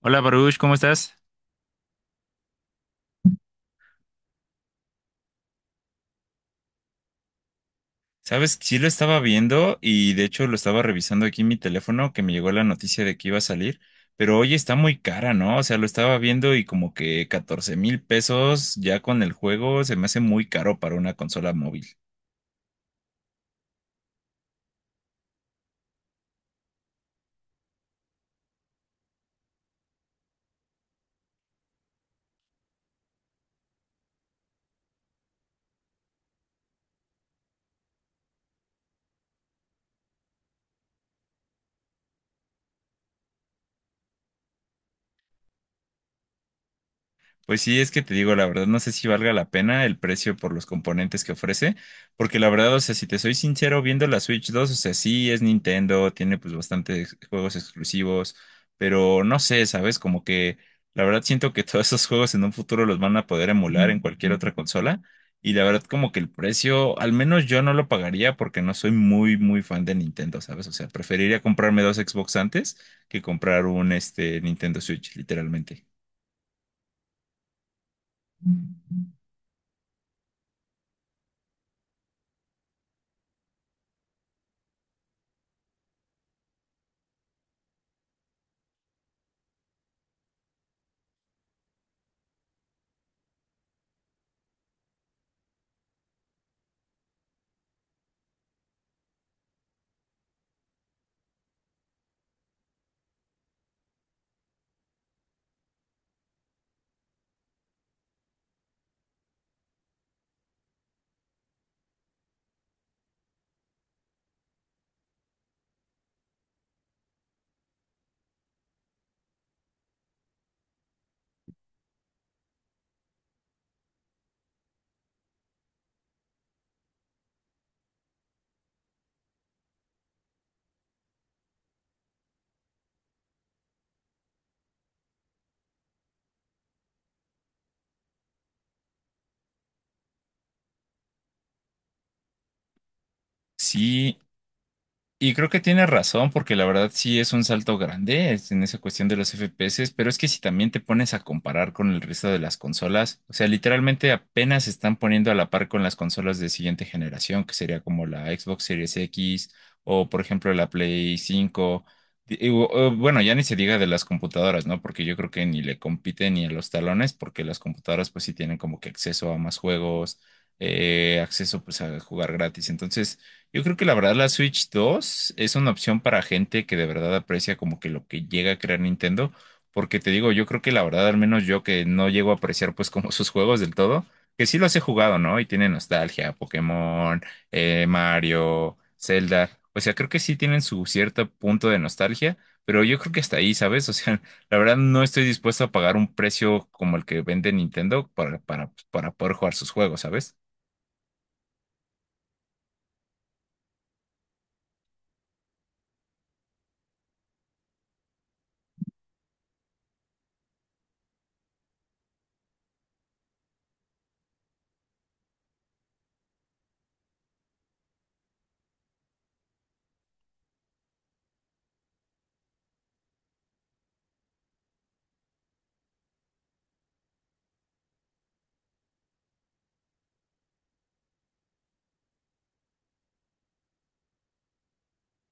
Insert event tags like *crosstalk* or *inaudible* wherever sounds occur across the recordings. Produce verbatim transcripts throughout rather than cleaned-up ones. Hola Baruch, ¿cómo estás? Sabes, sí lo estaba viendo y de hecho lo estaba revisando aquí en mi teléfono que me llegó la noticia de que iba a salir, pero hoy está muy cara, ¿no? O sea, lo estaba viendo y como que catorce mil pesos ya con el juego se me hace muy caro para una consola móvil. Pues sí, es que te digo, la verdad, no sé si valga la pena el precio por los componentes que ofrece, porque la verdad, o sea, si te soy sincero, viendo la Switch dos o sea, sí es Nintendo, tiene pues bastantes juegos exclusivos, pero no sé, ¿sabes? Como que la verdad siento que *laughs* todos esos juegos en un futuro los van a poder emular en cualquier otra consola, y la verdad como que el precio, al menos yo no lo pagaría porque no soy muy, muy fan de Nintendo, ¿sabes? O sea, preferiría comprarme dos Xbox antes que comprar un, este, Nintendo Switch, literalmente. Sí, Y creo que tiene razón, porque la verdad sí es un salto grande es en esa cuestión de los F P S, pero es que si también te pones a comparar con el resto de las consolas, o sea, literalmente apenas se están poniendo a la par con las consolas de siguiente generación, que sería como la Xbox Series X o, por ejemplo, la Play cinco. Di- y, o- o, Bueno, ya ni se diga de las computadoras, ¿no? Porque yo creo que ni le compiten ni a los talones, porque las computadoras pues sí tienen como que acceso a más juegos, eh, acceso pues a jugar gratis. Entonces. Yo creo que la verdad la Switch dos es una opción para gente que de verdad aprecia como que lo que llega a crear Nintendo, porque te digo, yo creo que la verdad, al menos yo que no llego a apreciar pues como *laughs* sus juegos del todo, que sí los he jugado, ¿no? Y tiene nostalgia, Pokémon, eh, Mario, Zelda, o sea, creo que sí tienen su cierto punto de nostalgia, pero yo creo que hasta ahí, ¿sabes? *laughs* O sea, la verdad no estoy dispuesto a pagar un precio como el que vende Nintendo para, para, para poder jugar sus juegos, ¿sabes?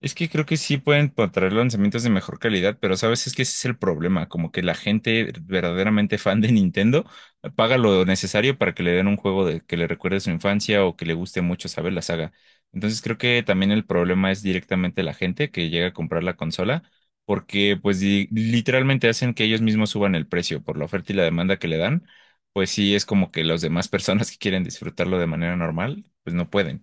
Es que creo que sí pueden pa- traer lanzamientos de mejor calidad, pero sabes, es que ese es el problema, como que la gente verdaderamente fan de Nintendo paga lo necesario para que le den un juego de, que le recuerde su infancia o que le guste mucho, ¿sabes? La saga. Entonces creo que también el problema es directamente la gente que llega a comprar la consola, porque pues di- literalmente hacen que ellos mismos suban el precio por la oferta y la demanda que le dan, pues sí es como que las demás *laughs* personas que quieren disfrutarlo de manera normal, pues no pueden.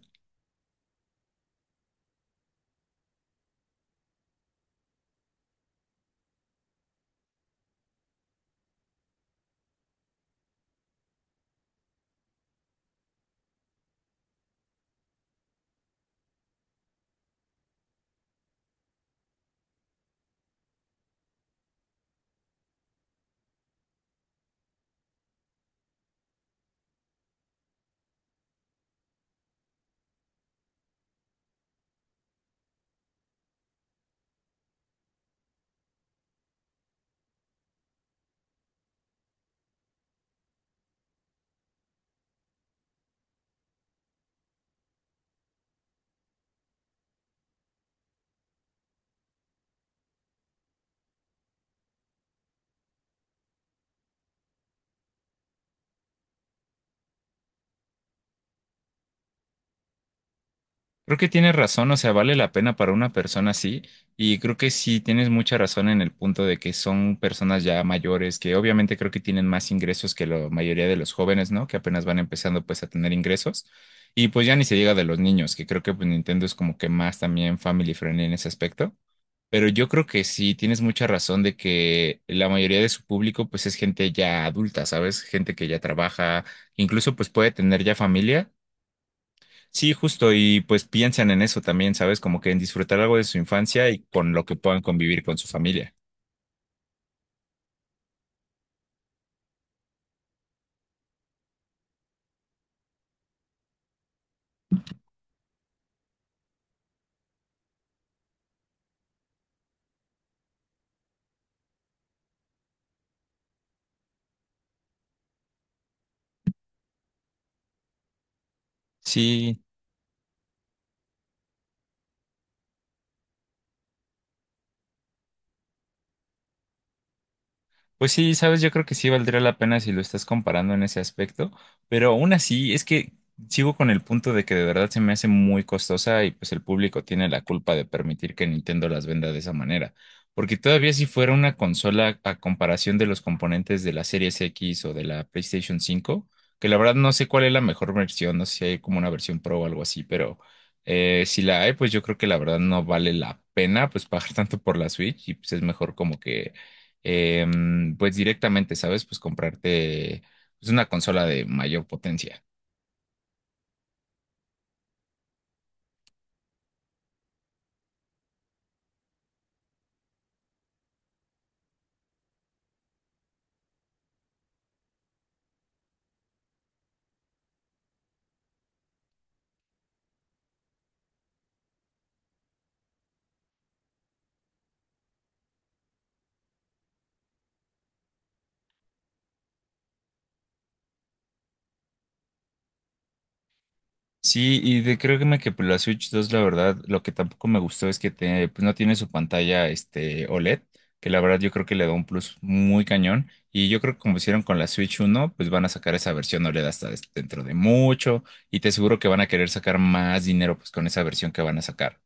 Creo que tienes razón, o sea, vale la pena para una persona así, y creo que sí tienes mucha razón en el punto de que son personas ya mayores, que obviamente creo que tienen más ingresos que la mayoría de los jóvenes, ¿no? Que apenas van empezando pues a tener ingresos, y pues ya ni se diga de los niños, que creo que pues Nintendo es como que más también family friendly en ese aspecto, pero yo creo que sí tienes mucha razón de que la mayoría de su público pues es gente ya adulta, ¿sabes? Gente que ya trabaja, incluso pues puede tener ya familia. Sí, justo, y pues piensan en eso también, ¿sabes? Como que en disfrutar algo de su infancia y con lo que puedan convivir con su familia. Sí. Pues sí, sabes, yo creo que sí valdría la pena si lo estás comparando en ese aspecto, pero aún así es que sigo con el punto de que de verdad se me hace muy costosa y pues el público tiene la culpa de permitir que Nintendo las venda de esa manera, porque todavía si fuera una consola a comparación de los componentes de la Series X o de la PlayStation cinco, que la verdad no sé cuál es la mejor versión, no sé si hay como una versión Pro o algo así, pero eh, si la hay, pues yo creo que la verdad no vale la pena pues pagar *laughs* tanto por la Switch y pues es mejor como que em, pues directamente, ¿sabes? Pues comprarte pues, una consola de mayor potencia. Sí, y de, creo que me que pues, la Switch dos la verdad, lo que tampoco me gustó es que te- pues, no tiene su pantalla este, OLED, que la verdad yo creo que le da un plus muy cañón. Y yo creo que como hicieron con la Switch uno pues van a sacar esa versión OLED hasta des- dentro de mucho. Y te aseguro que van a querer sacar más dinero pues con esa versión que van a sacar.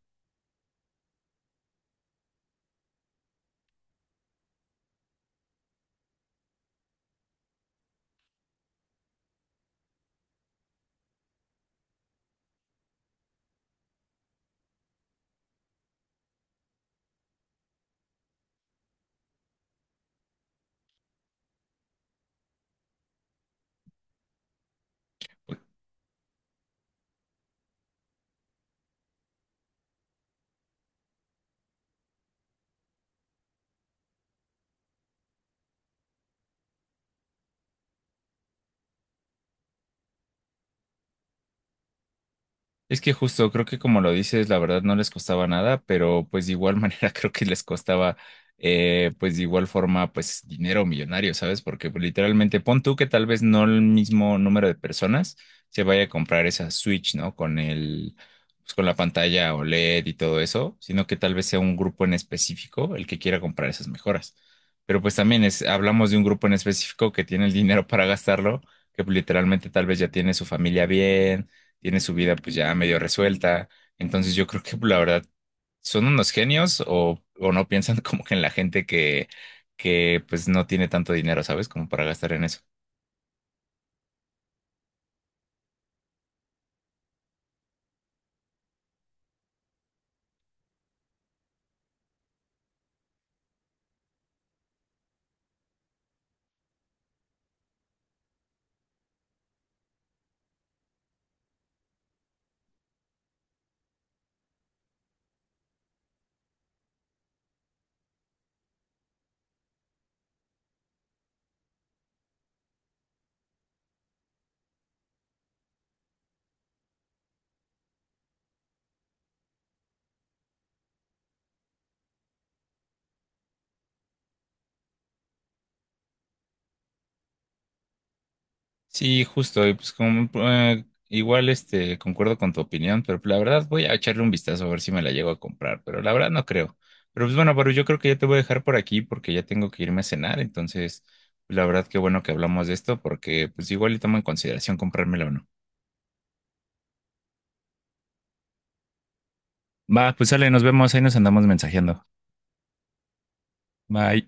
Es que justo creo que como lo dices, la verdad no les costaba nada, pero pues de igual manera *laughs* creo que les costaba eh, pues de igual forma pues dinero millonario, ¿sabes? Porque pues, literalmente pon tú que tal vez no el mismo número de personas se vaya a comprar esa Switch, ¿no? Con el pues con la pantalla OLED y todo eso, sino que tal vez sea un grupo en específico el que quiera comprar esas mejoras. Pero pues también es, hablamos de un grupo en específico que tiene el dinero para gastarlo, que pues, literalmente tal vez ya tiene su familia bien tiene su vida pues ya medio resuelta. Entonces yo creo que pues, la verdad son unos genios o, o no piensan *laughs* como que en la gente que, que pues no tiene tanto dinero, ¿sabes? Como para gastar en eso. Sí, justo, y pues como eh, igual este concuerdo con tu opinión, pero pues, la verdad voy a echarle un vistazo a ver si me la llego a comprar, pero la verdad no creo. Pero pues bueno, pero yo creo que ya te voy a dejar por aquí porque ya tengo que irme a cenar, entonces la verdad qué bueno que hablamos de esto porque pues igual y tomo en consideración comprármela o no. Va, pues sale, nos vemos, ahí nos andamos mensajeando. Bye.